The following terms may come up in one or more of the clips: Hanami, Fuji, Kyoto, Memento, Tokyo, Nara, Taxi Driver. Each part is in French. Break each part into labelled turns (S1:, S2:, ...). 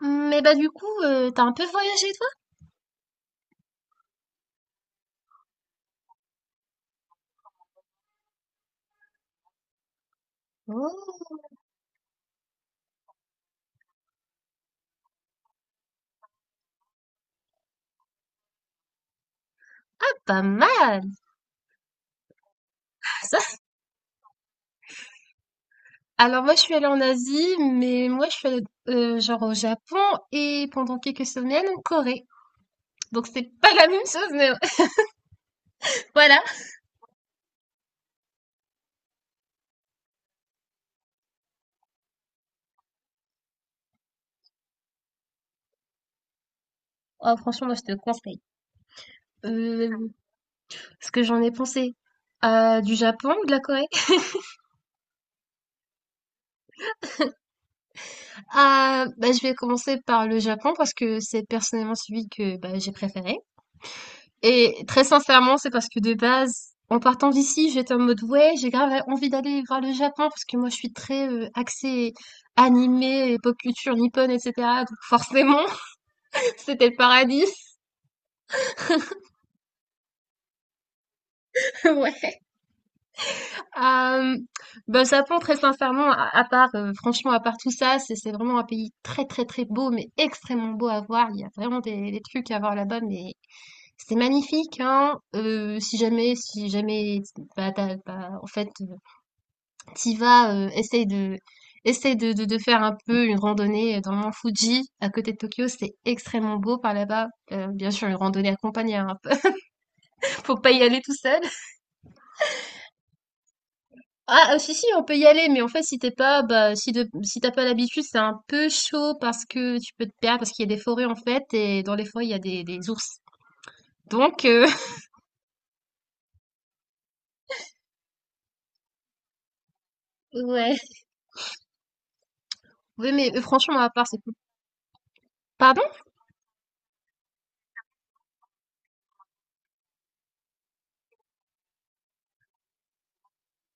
S1: Mais bah du coup, t'as un peu voyagé toi? Oh, ah, pas mal! Ça, c'est- Alors moi je suis allée en Asie, mais moi je suis allée genre au Japon et pendant quelques semaines en Corée. Donc c'est pas la même chose, mais voilà. Oh, franchement, moi je te conseille. Euh, ce que j'en ai pensé du Japon ou de la Corée? Ah bah, je vais commencer par le Japon parce que c'est personnellement celui que bah, j'ai préféré. Et très sincèrement, c'est parce que de base, en partant d'ici, j'étais en mode ouais, j'ai grave envie d'aller voir le Japon parce que moi je suis très axée animé, pop culture nippone, etc. Donc forcément, c'était le paradis. Ouais. Euh, bah, le Japon, très sincèrement, à part, franchement, à part tout ça, c'est vraiment un pays très très très beau, mais extrêmement beau à voir. Il y a vraiment des trucs à voir là-bas, mais c'est magnifique, hein. Si jamais, bah, bah, en fait, t'y vas, essaye de faire un peu une randonnée, dans le mont Fuji, à côté de Tokyo. C'est extrêmement beau par là-bas. Bien sûr, une randonnée accompagnée, hein, faut pas y aller tout seul. Ah, si, on peut y aller, mais en fait, si t'as pas l'habitude, c'est un peu chaud parce que tu peux te perdre, parce qu'il y a des forêts, en fait, et dans les forêts, il y a des ours. Donc ouais. Oui, mais franchement, à part, c'est cool. Pardon?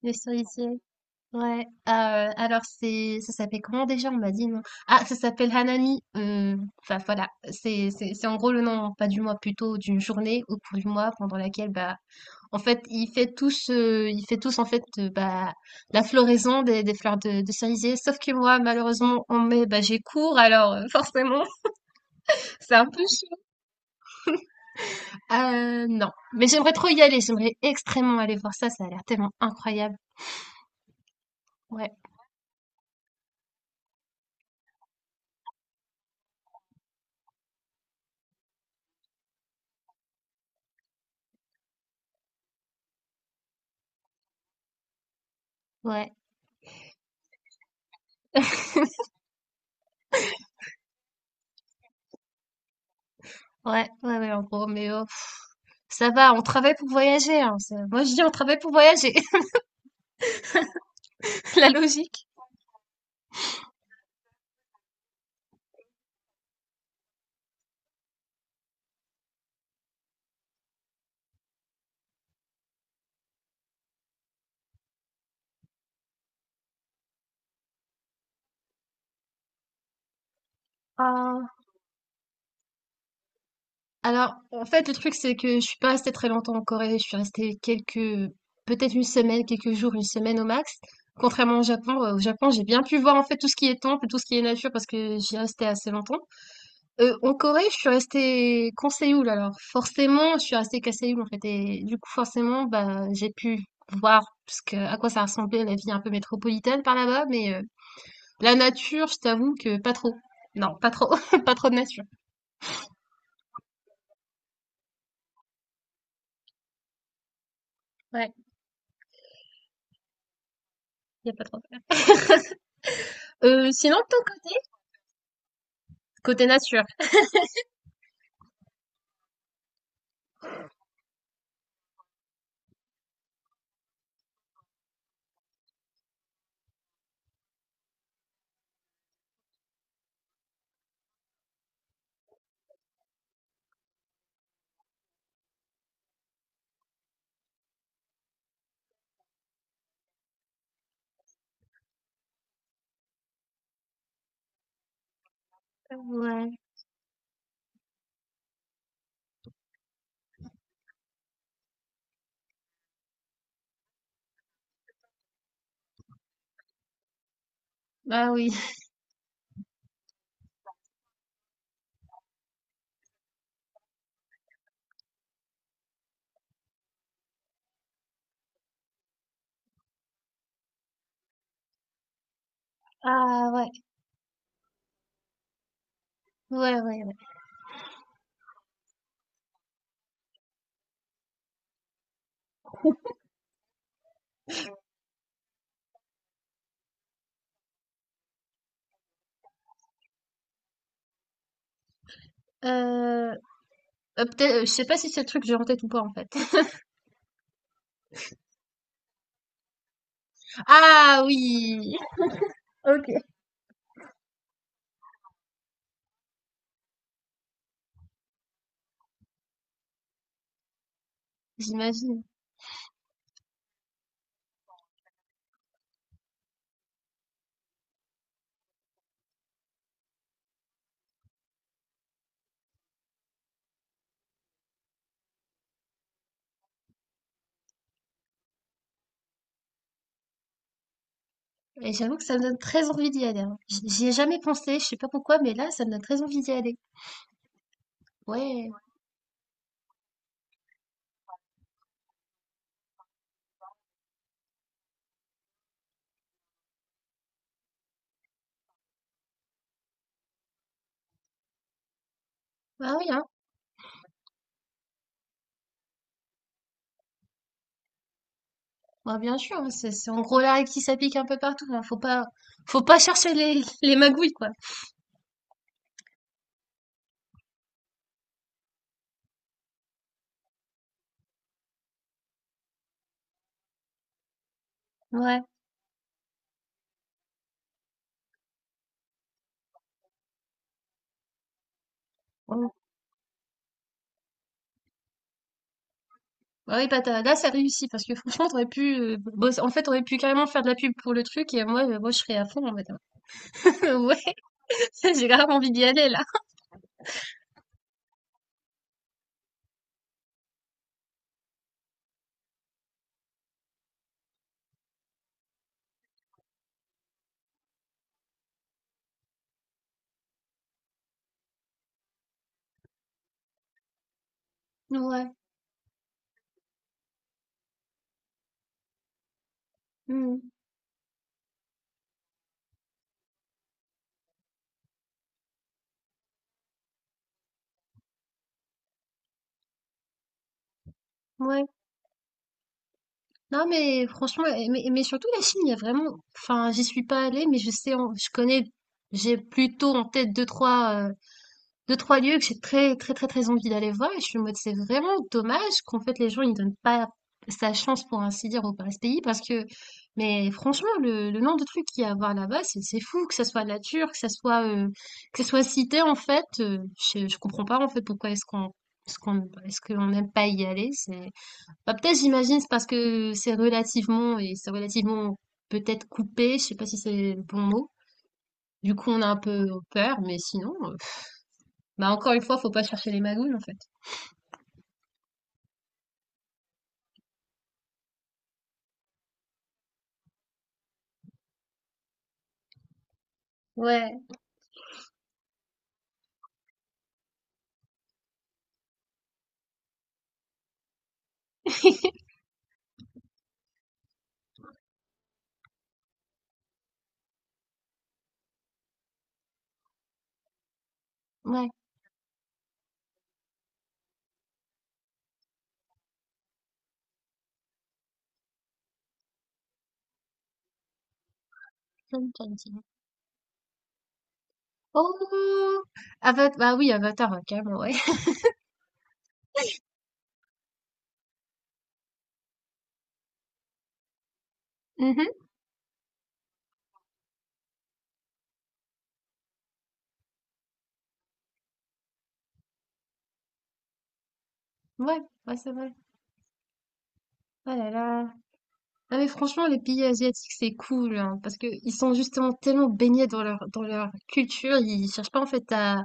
S1: Les cerisiers. Ouais, ah, alors c'est ça s'appelle comment déjà? On m'a dit non. Ah, ça s'appelle Hanami, enfin voilà, c'est en gros le nom, pas du mois, plutôt d'une journée au cours du mois pendant laquelle, bah, en fait, il fait tous en fait, bah, la floraison des fleurs de cerisier. Sauf que moi, malheureusement, en mai, bah, j'ai cours alors, forcément, c'est un peu chaud. Non, mais j'aimerais trop y aller, j'aimerais extrêmement aller voir ça, ça a l'air tellement incroyable. Ouais, ouais, ouais, ouais, ouais, en gros, mais oh. Ça va, on travaille pour voyager, hein, moi, je dis on travaille pour voyager, la logique. Ah, Alors, en fait, le truc, c'est que je suis pas restée très longtemps en Corée. Je suis restée quelques, peut-être une semaine, quelques jours, une semaine au max. Contrairement au Japon, j'ai bien pu voir en fait tout ce qui est temple, tout ce qui est nature, parce que j'y restais assez longtemps. En Corée, je suis restée qu'en Séoul. Alors, forcément, je suis restée qu'à Séoul en fait, et du coup, forcément, bah, j'ai pu voir parce que à quoi ça ressemblait la vie un peu métropolitaine par là-bas, mais la nature, je t'avoue que pas trop. Non, pas trop. Pas trop de nature. Ouais, y a pas trop. Sinon, de ton côté, côté nature. Ouais. Bah oui. Ah ouais. Ouais, ouais, ouais. Euh, peut-être, je sais pas si c'est le truc que j'ai en tête ou pas en fait. Ah oui, ok. J'imagine. Et j'avoue que ça me donne très envie d'y aller, hein. J'y ai jamais pensé, je sais pas pourquoi, mais là, ça me donne très envie d'y aller. Ouais, bah oui, hein. Bah bien sûr, hein, c'est en gros là qui s'applique un peu partout, hein. Faut pas chercher les, les magouilles quoi. Ouais. Ouais. Bah oui, bah là, ça réussit parce que franchement, t'aurais pu en fait, t'aurais pu carrément faire de la pub pour le truc et moi je serais à fond en mode. Ouais, j'ai grave envie d'y aller là. Ouais, hmm, ouais. Non, mais franchement, mais surtout la Chine, il y a vraiment. Enfin, j'y suis pas allée, mais je sais, je connais, j'ai plutôt en tête deux, trois. 2 trois lieux que j'ai très, très, très, très envie d'aller voir. Et je suis en mode c'est vraiment dommage qu'en fait les gens ils donnent pas sa chance pour ainsi dire au Paris Pays, parce que mais franchement, le nombre de trucs qu'il y a à voir là-bas, c'est fou, que ça soit nature, que ça soit cité en fait, je comprends pas en fait pourquoi est-ce qu'on n'aime pas y aller. C'est bah, peut-être j'imagine c'est parce que c'est relativement, peut-être, coupé, je sais pas si c'est le bon mot, du coup on a un peu peur. Mais sinon bah encore une fois, faut pas chercher les magouilles en fait. Ouais, ouais, comme t'as dit. Oh! Avatar, bah oui, Avatar, hein, carrément, ouais. Mhm. Ouais, ouais, c'est vrai. Oh là là. Ah mais franchement, les pays asiatiques, c'est cool, hein, parce que ils sont justement tellement baignés dans leur culture, ils cherchent pas en fait à,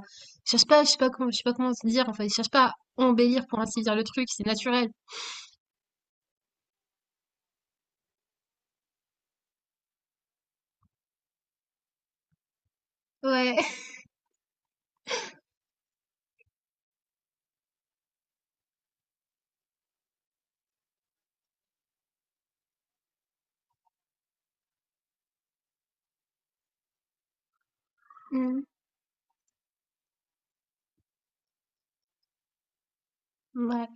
S1: ils cherchent pas, je sais pas comment se dire, enfin, ils cherchent pas à embellir pour ainsi dire le truc, c'est naturel. Ouais. Mhm. Ouais.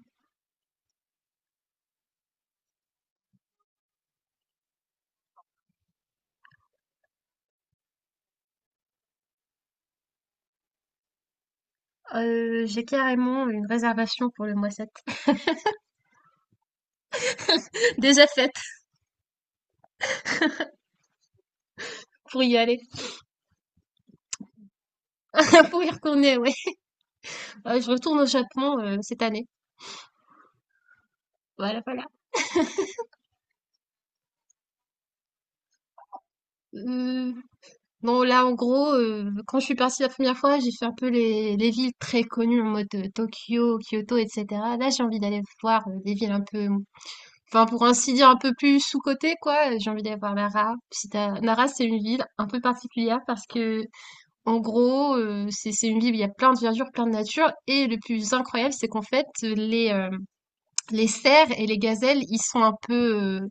S1: J'ai carrément une réservation pour le mois sept. Déjà faite, pour y aller. Pour y retourner, ouais. Je retourne au Japon cette année. Voilà, voilà. Euh, non, là, en gros, quand je suis partie la première fois, j'ai fait un peu les villes très connues en mode Tokyo, Kyoto, etc. Là, j'ai envie d'aller voir des villes un peu, enfin, pour ainsi dire, un peu plus sous-cotées, quoi. J'ai envie d'aller voir Nara. Si t'as- Nara, c'est une ville un peu particulière parce que, en gros, c'est une ville où il y a plein de verdure, plein de nature. Et le plus incroyable, c'est qu'en fait, les cerfs et les gazelles, ils sont un peu,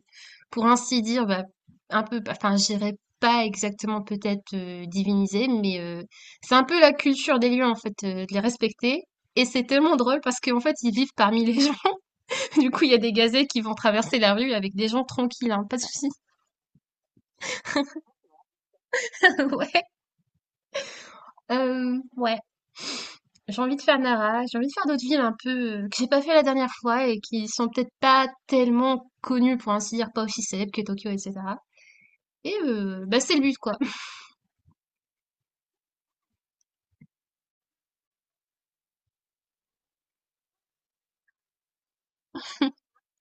S1: pour ainsi dire, bah, un peu, enfin, je dirais pas exactement peut-être divinisés, mais c'est un peu la culture des lions, en fait, de les respecter. Et c'est tellement drôle parce qu'en fait, ils vivent parmi les gens. Du coup, il y a des gazelles qui vont traverser la rue avec des gens tranquilles, hein, pas de soucis. Ouais. Ouais. J'ai envie de faire Nara, j'ai envie de faire d'autres villes un peu que j'ai pas fait la dernière fois et qui sont peut-être pas tellement connues, pour ainsi dire, pas aussi célèbres que Tokyo, etc. Et bah, c'est le but, quoi.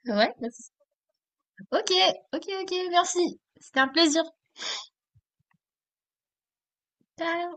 S1: Ouais, bah, ok, ok, ok, merci. C'était un plaisir. Ciao.